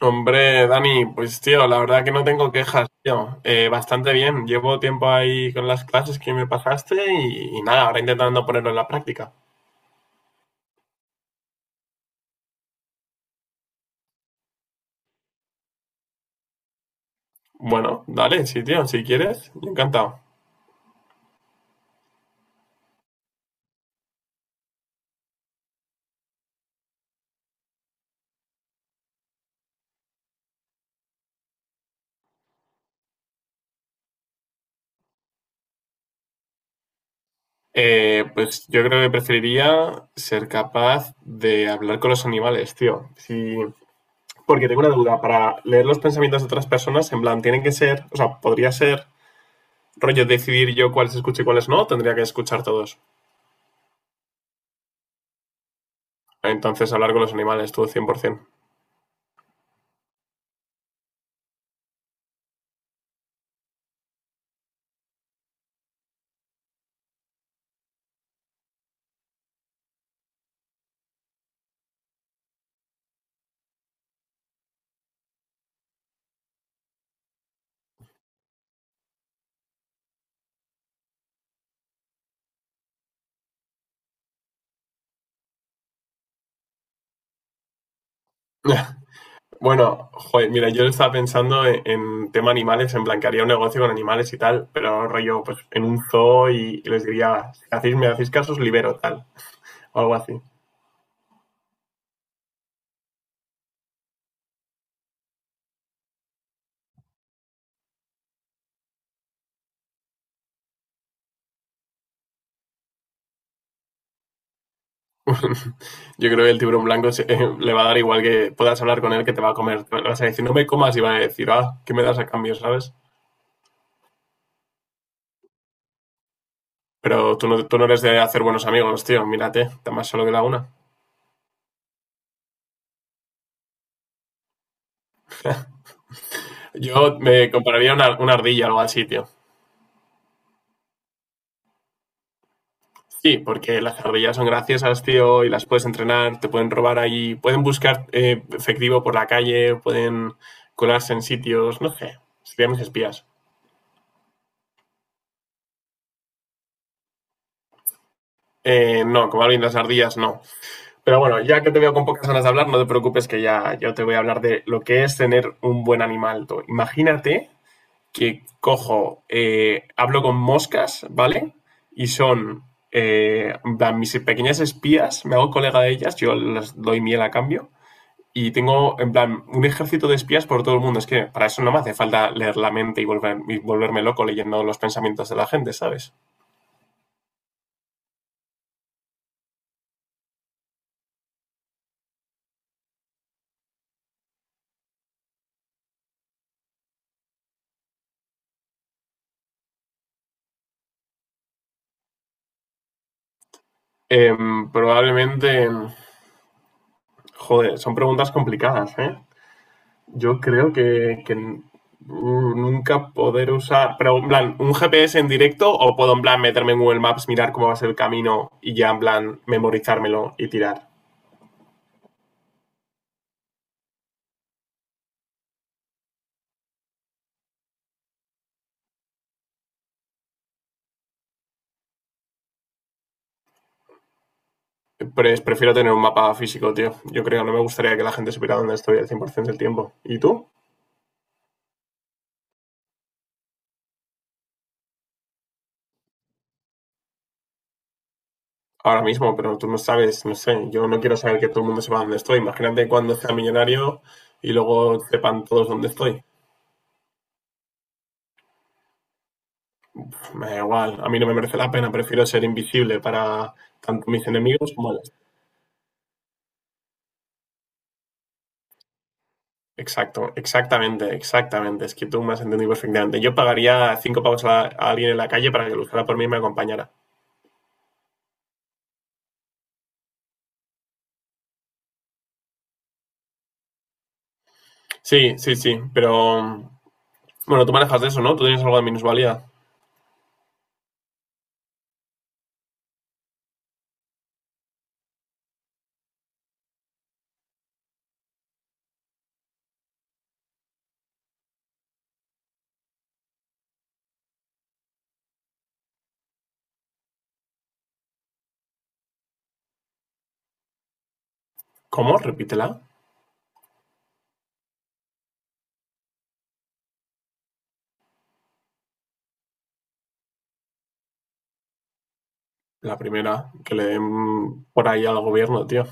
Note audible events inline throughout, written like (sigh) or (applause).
Hombre, Dani, pues tío, la verdad que no tengo quejas, tío. Bastante bien. Llevo tiempo ahí con las clases que me pasaste y nada, ahora intentando ponerlo en la práctica. Bueno, dale, sí, tío, si quieres, yo encantado. Pues yo creo que preferiría ser capaz de hablar con los animales, tío. Sí, porque tengo una duda, para leer los pensamientos de otras personas, en plan, tienen que ser, o sea, podría ser rollo decidir yo cuáles escucho y cuáles no, o tendría que escuchar todos. Entonces hablar con los animales, tú, 100%. Bueno, joder, mira, yo estaba pensando en tema animales, en plan que haría un negocio con animales y tal, pero rollo, pues en un zoo y les diría, si hacéis, me hacéis caso, os libero, tal, o algo así. (laughs) Yo creo que el tiburón blanco (laughs) le va a dar igual que puedas hablar con él que te va a comer. Le vas a decir, no me comas, y va a decir, ah, ¿qué me das a cambio, sabes? Pero tú no eres de hacer buenos amigos, tío, mírate, está más solo que la una. Yo me compraría una ardilla o algo así, tío. Sí, porque las ardillas son graciosas, tío, y las puedes entrenar, te pueden robar ahí, pueden buscar efectivo por la calle, pueden colarse en sitios, no sé, serían mis espías. No, como alguien de las ardillas, no. Pero bueno, ya que te veo con pocas ganas de hablar, no te preocupes que ya yo te voy a hablar de lo que es tener un buen animal. Tú. Imagínate que hablo con moscas, ¿vale? Y son en plan, mis pequeñas espías, me hago colega de ellas, yo les doy miel a cambio. Y tengo, en plan, un ejército de espías por todo el mundo. Es que para eso no me hace falta leer la mente y volverme loco leyendo los pensamientos de la gente, ¿sabes? Eh, Probablemente, joder, son preguntas complicadas, ¿eh? Yo creo que nunca poder usar, pero en plan, un GPS en directo o puedo en plan meterme en Google Maps, mirar cómo va a ser el camino y ya en plan memorizármelo y tirar. Pero prefiero tener un mapa físico, tío. Yo creo, no me gustaría que la gente supiera dónde estoy al 100% del tiempo. ¿Y tú? Ahora mismo, pero tú no sabes, no sé, yo no quiero saber que todo el mundo sepa dónde estoy. Imagínate cuando sea millonario y luego sepan todos dónde estoy. Me da igual, a mí no me merece la pena, prefiero ser invisible para tanto mis enemigos como los. Exacto, exactamente, exactamente. Es que tú me has entendido perfectamente. Yo pagaría 5 pavos a alguien en la calle para que lo usara por mí y me acompañara. Sí, sí, sí, pero bueno, tú manejas de eso, ¿no? Tú tienes algo de minusvalía. ¿Cómo? Repítela. La primera, que le den por ahí al gobierno, tío.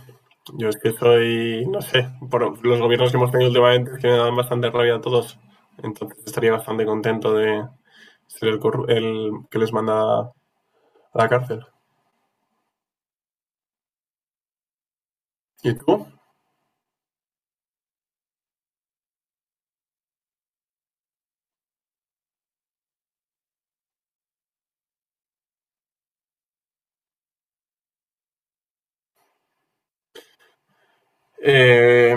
Yo es que soy, no sé, por los gobiernos que hemos tenido últimamente es que me dan bastante rabia a todos. Entonces estaría bastante contento de ser el que les manda a la cárcel. ¿Y tú? Eh,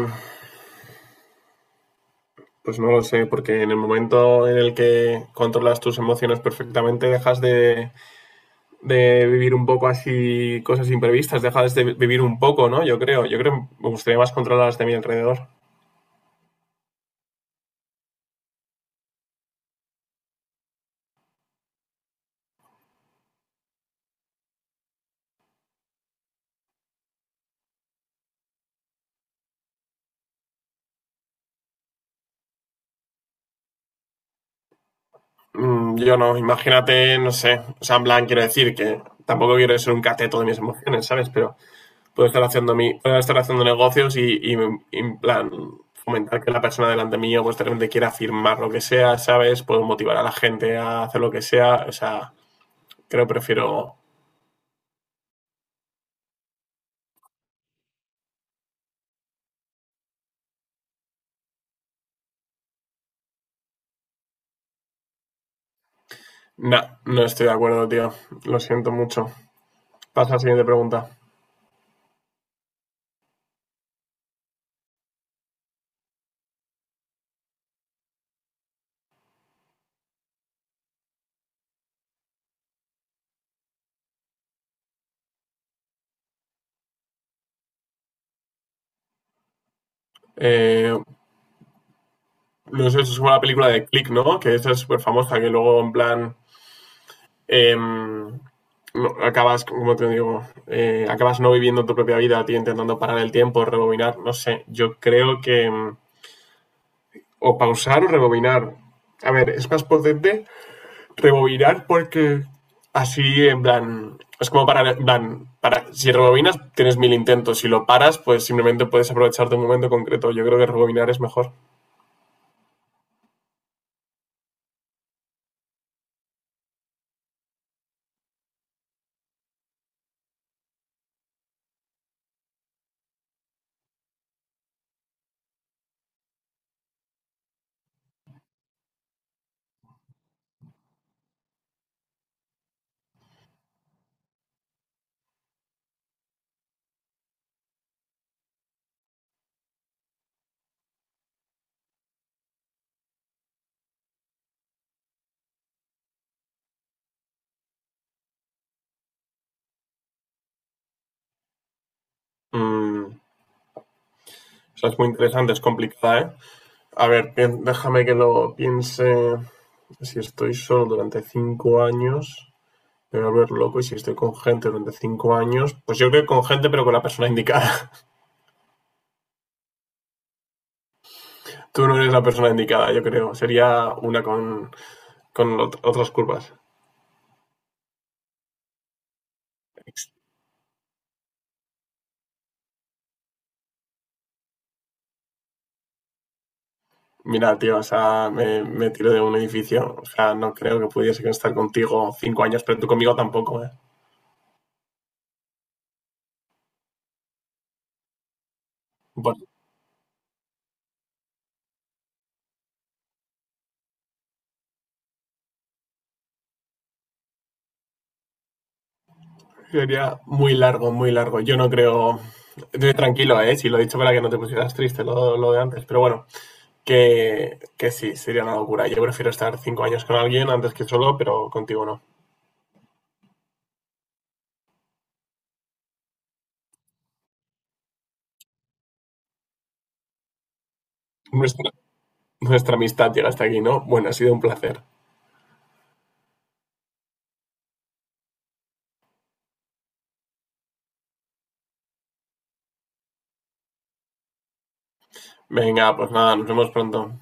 pues no lo sé, porque en el momento en el que controlas tus emociones perfectamente, dejas de vivir un poco así cosas imprevistas, dejas de vivir un poco, ¿no? Yo creo que me gustaría más controlar las de mi alrededor. Yo no, imagínate, no sé, o sea, en plan, quiero decir que tampoco quiero ser un cateto de mis emociones, ¿sabes? Pero puedo estar haciendo negocios en plan fomentar que la persona delante mío pues de repente quiera firmar lo que sea, ¿sabes? Puedo motivar a la gente a hacer lo que sea, o sea, creo que prefiero. No, no estoy de acuerdo, tío, lo siento mucho. Pasa a la siguiente pregunta. Eh, no sé, eso es como la película de Click, ¿no? Que esa es súper famosa, que luego en plan no, acabas, como te digo, acabas no viviendo tu propia vida, ti intentando parar el tiempo, rebobinar, no sé, yo creo que o pausar o rebobinar. A ver, es más potente rebobinar porque así, en plan, es como para, en plan, si rebobinas tienes mil intentos, si lo paras, pues simplemente puedes aprovechar de un momento concreto. Yo creo que rebobinar es mejor. O sea, es muy interesante, es complicada, ¿eh? A ver, déjame que lo piense. Si estoy solo durante 5 años, me voy a volver loco. Y si estoy con gente durante 5 años, pues yo creo que con gente, pero con la persona indicada. (laughs) Tú no eres la persona indicada, yo creo. Sería una con otras curvas. Ex- Mira, tío, o sea, me tiro de un edificio. O sea, no creo que pudiese estar contigo 5 años, pero tú conmigo tampoco, ¿eh? Bueno, sería muy largo, muy largo. Yo no creo. Estoy tranquilo, ¿eh? Si lo he dicho para que no te pusieras triste lo de antes, pero bueno. Que sería una locura. Yo prefiero estar 5 años con alguien antes que solo, pero contigo no. Nuestra, nuestra amistad llega hasta aquí, ¿no? Bueno, ha sido un placer. Venga, pues nada, nos vemos pronto.